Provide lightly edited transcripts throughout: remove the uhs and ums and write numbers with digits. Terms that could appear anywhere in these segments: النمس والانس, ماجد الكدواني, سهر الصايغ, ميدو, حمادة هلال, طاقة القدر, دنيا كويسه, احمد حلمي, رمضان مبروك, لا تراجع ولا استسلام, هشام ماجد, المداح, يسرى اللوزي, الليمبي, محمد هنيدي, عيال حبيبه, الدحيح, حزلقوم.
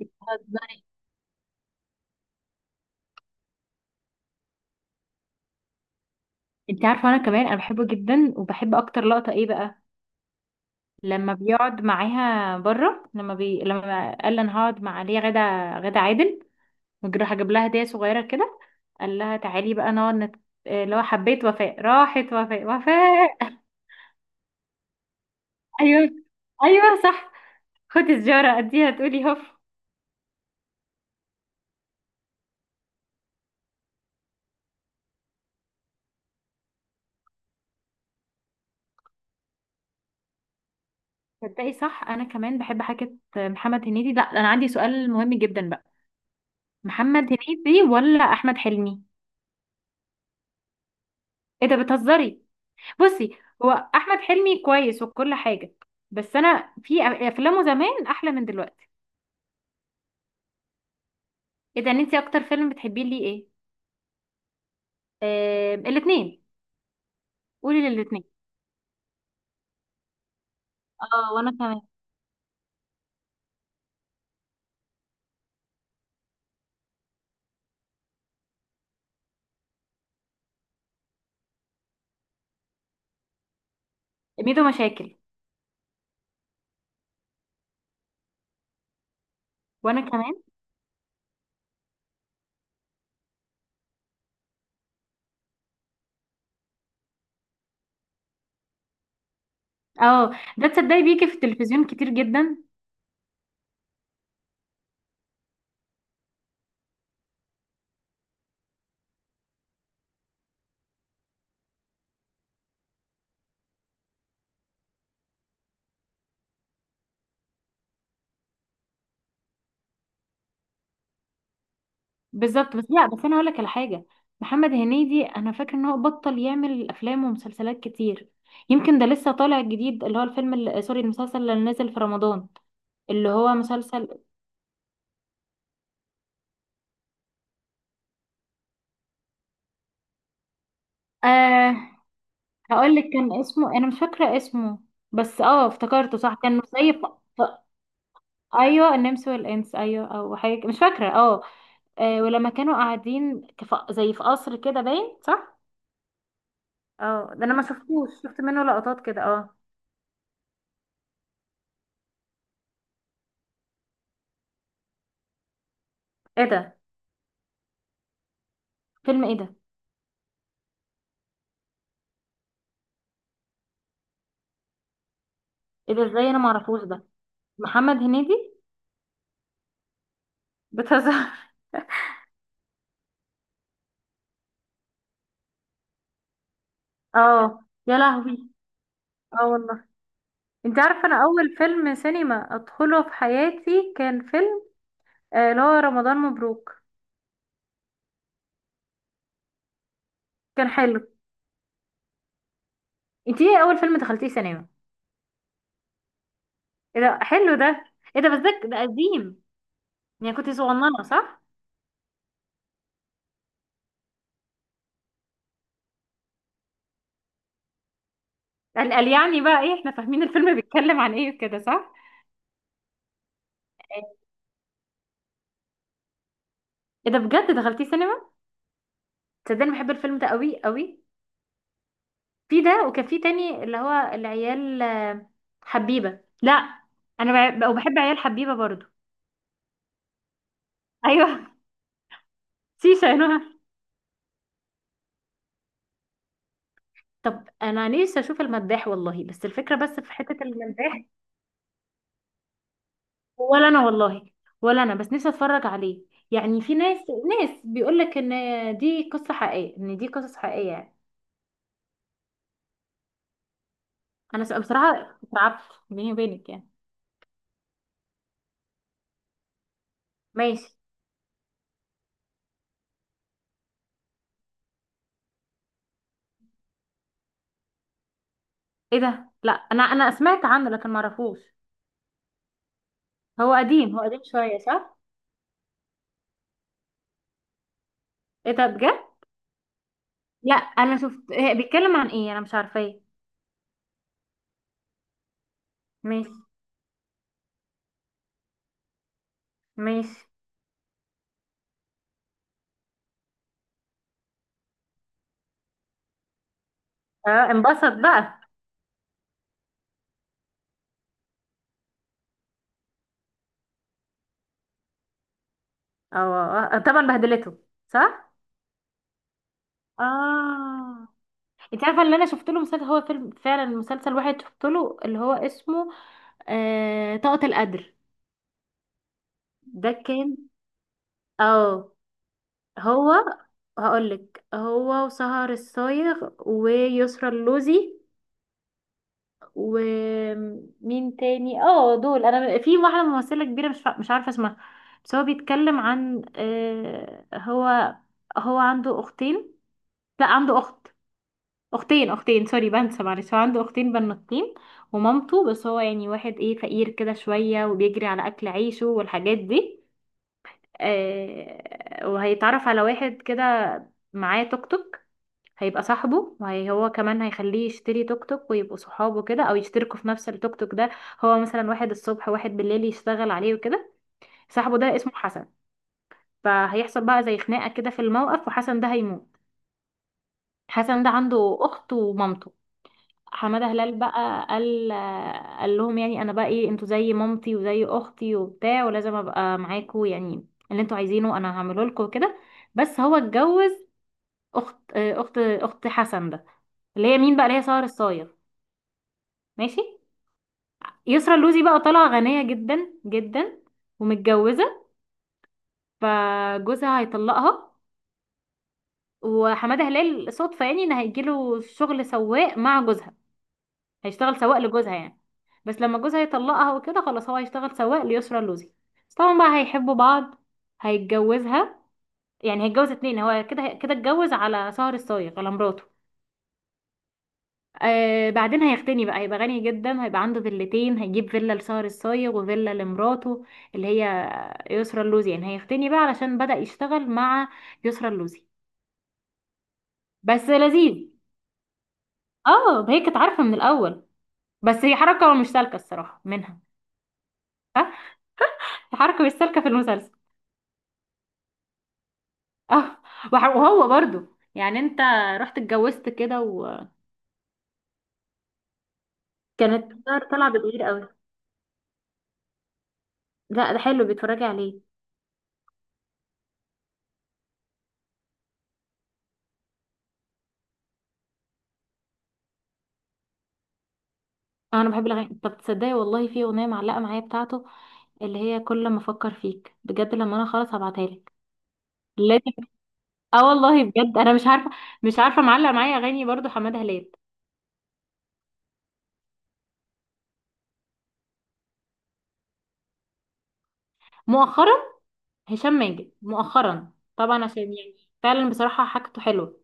بتهزري؟ انت عارفه انا كمان انا بحبه جدا، وبحب اكتر لقطه ايه بقى؟ لما بيقعد معاها بره، لما قال لها انا هقعد مع ليا غدا عادل، وجراح جاب لها هديه صغيره كده. قال لها تعالي بقى نقعد اللي هو حبيت وفاء، راحت وفاء ايوه. ايوه صح. خدي سجاره اديها تقولي هف. تصدقي صح انا كمان بحب حاجه محمد هنيدي. لا انا عندي سؤال مهم جدا بقى، محمد هنيدي ولا احمد حلمي؟ ايه ده، بتهزري؟ بصي، هو احمد حلمي كويس وكل حاجه، بس انا في افلامه زمان احلى من دلوقتي. ايه ده، انت اكتر فيلم بتحبيه ليه ايه؟ آه، الاثنين. قولي للاثنين. اه، وانا كمان. ميدو مشاكل. وانا كمان. اه ده، تصدقي بيجي في التلفزيون كتير جدا. بالظبط، بس لا، بس انا هقول لك على حاجه. محمد هنيدي انا فاكره ان هو بطل يعمل افلام ومسلسلات كتير. يمكن ده لسه طالع جديد، اللي هو الفيلم اللي- سوري المسلسل اللي نزل في رمضان، اللي هو مسلسل. آه هقول لك كان اسمه، انا مش فاكره اسمه، بس افتكرته صح، كانوا زي ف... ايوه، النمس والانس، ايوه او حاجه، مش فاكره. اه. آه، ولما كانوا قاعدين زي في قصر كده باين صح. اه، ده انا ما شفتوش، شفت منه لقطات كده. اه. ايه ده؟ فيلم ايه ده؟ ايه ده، ازاي انا ما اعرفوش ده، محمد هنيدي؟ بتهزر. اه، يا لهوي. اه والله. انت عارفه انا اول فيلم سينما ادخله في حياتي كان فيلم اللي هو رمضان مبروك. كان حلو. انت ايه اول فيلم دخلتيه سينما؟ ايه ده حلو ده. ايه ده، بس ده قديم. يعني كنت صغننه صح؟ قال يعني بقى ايه، احنا فاهمين الفيلم بيتكلم عن ايه كده صح؟ ايه ده، بجد دخلتيه سينما؟ تصدقني بحب الفيلم ده قوي قوي. في ده، وكان في تاني اللي هو العيال، حبيبه. لا انا وبحب عيال حبيبه برضو. ايوه. شيشه يا نهى. طب انا نفسي اشوف المداح والله، بس الفكره بس في حته المداح. ولا انا والله. ولا انا، بس نفسي اتفرج عليه. يعني في ناس بيقول لك ان دي قصص حقيقيه يعني. بصراحه اترعبت، بيني وبينك يعني. ماشي. ايه ده، لا انا سمعت عنه لكن ما اعرفوش. هو قديم، هو قديم شويه صح؟ ايه ده بجد. لا انا شفت إيه بيتكلم عن ايه، انا مش عارفه ايه. ماشي. ماشي. اه، انبسط بقى. اه. آه، طبعا بهدلته صح. اه. انت عارفه، اللي انا شفت له مسلسل هو فيلم فعلا، مسلسل واحد شفت له اللي هو اسمه طاقة القدر. ده كان. اه هو هقولك، هو وسهر الصايغ ويسرى اللوزي، ومين تاني؟ اه دول. انا في واحده ممثله كبيره مش عارفه اسمها. بس هو بيتكلم عن هو عنده اختين. لا عنده اخت، اختين سوري، بنسى معلش. هو عنده اختين بنوتين، ومامته. بس هو يعني واحد ايه فقير كده شوية، وبيجري على اكل عيشه والحاجات دي. آه، وهيتعرف على واحد كده معاه توك توك، هيبقى صاحبه. هو كمان هيخليه يشتري توك توك ويبقوا صحابه كده، او يشتركوا في نفس التوك توك ده. هو مثلا واحد الصبح، واحد بالليل يشتغل عليه وكده. صاحبه ده اسمه حسن. فهيحصل بقى زي خناقة كده في الموقف، وحسن ده هيموت. حسن ده عنده اخت ومامته. حمادة هلال بقى قال لهم يعني انا بقى ايه، انتوا زي مامتي وزي اختي وبتاع، ولازم ابقى معاكوا، يعني اللي انتوا عايزينه انا هعمله لكم وكده. بس هو اتجوز اخت حسن ده، اللي هي مين بقى؟ اللي هي سهر الصايغ. ماشي. يسرا اللوزي بقى طالعة غنية جدا جدا، ومتجوزة، فجوزها هيطلقها. وحمادة هلال صدفة، يعني، ان هيجيله شغل سواق مع جوزها، هيشتغل سواق لجوزها يعني. بس لما جوزها يطلقها وكده خلاص، هو هيشتغل سواق ليسرى اللوزي. بس طبعا بقى هيحبوا بعض، هيتجوزها. يعني هيتجوز اتنين، هو كده كده اتجوز على سهر الصايغ، على مراته. آه، بعدين هيغتني بقى، هيبقى غني جدا، هيبقى عنده فيلتين، هيجيب فيلا لسهر الصايغ وفيلا لمراته اللي هي يسرى اللوزي، يعني هيغتني بقى علشان بدأ يشتغل مع يسرى اللوزي. بس لذيذ. اه، هي كانت عارفة من الأول، بس هي حركة مش سالكة الصراحة منها. ها، حركة مش سالكة في المسلسل. اه، وهو برضو يعني، انت رحت اتجوزت كده، وكانت طالعه بتغير قوي. لا ده حلو، بيتفرجي عليه. آه، انا بحب الاغاني. طب تصدقي والله، في اغنيه معلقه معايا بتاعته اللي هي كل ما افكر فيك بجد، لما انا خلاص هبعتها لك. لازم. اه والله بجد انا مش عارفه معلق معايا اغاني برضو حماده هلال. مؤخرا هشام ماجد، مؤخرا طبعا، عشان يعني فعلا بصراحه حاجته حلوه.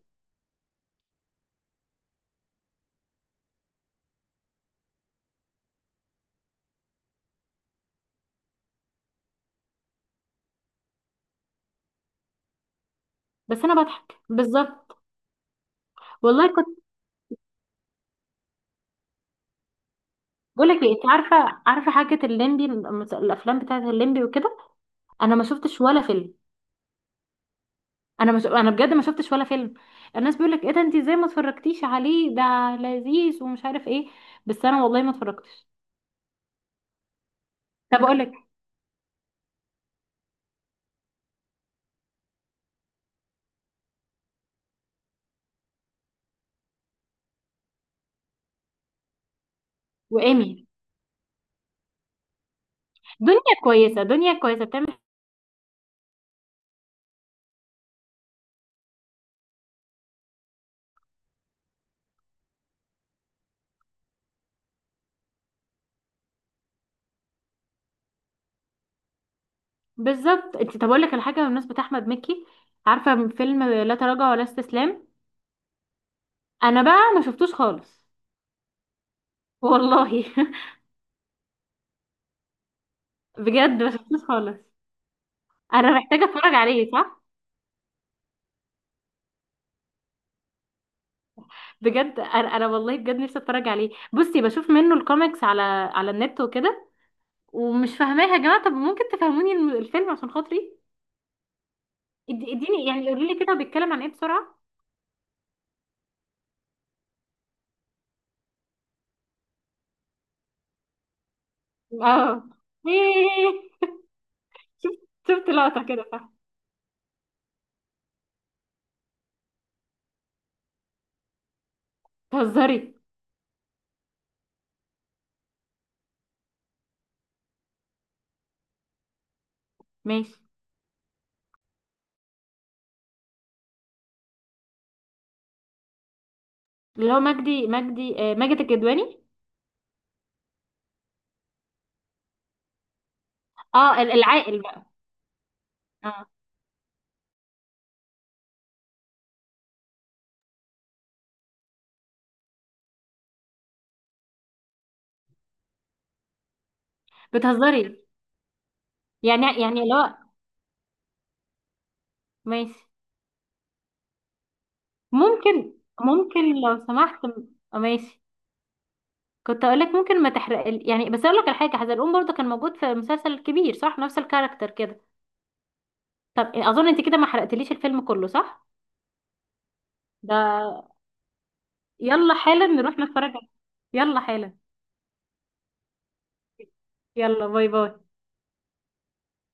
بس انا بضحك بالظبط والله. بقول لك ايه، انت عارفه حاجه الليمبي، الافلام بتاعه الليمبي وكده، انا ما شفتش ولا فيلم. انا بجد ما شفتش ولا فيلم. الناس بيقول لك ايه ده، انت ازاي ما اتفرجتيش عليه؟ ده لذيذ ومش عارف ايه. بس انا والله ما اتفرجتش. طب اقول لك. وايمي. دنيا كويسه بتعمل. بالظبط، انت طب اقول لك الحاجه بالنسبه احمد مكي، عارفه من فيلم لا تراجع ولا استسلام؟ انا بقى ما شفتوش خالص والله. بجد ما شفتوش خالص. انا محتاجه اتفرج عليه صح. بجد انا والله بجد نفسي اتفرج عليه. بصي بشوف منه الكوميكس على النت وكده. ومش فاهماها يا جماعه، طب ممكن تفهموني الفيلم عشان خاطري؟ اديني يعني، قولي لي كده هو بيتكلم عن ايه بسرعه. اه. إيه. شفت شفت لقطه كده فاهمه. بتهزري. ماشي. اللي هو مجدي مجدي آه، ماجد الكدواني. اه، العاقل بقى. اه، بتهزري يعني اللي هو ماشي. ممكن ممكن لو سمحت آه، ماشي. كنت اقول لك ممكن ما تحرق يعني، بس اقول لك على حاجه، حزلقوم برضه كان موجود في مسلسل كبير صح، نفس الكاركتر كده. طب اظن انت كده ما حرقتليش الفيلم كله صح؟ ده يلا حالا نروح نتفرج عليه. يلا حالا. يلا، باي باي.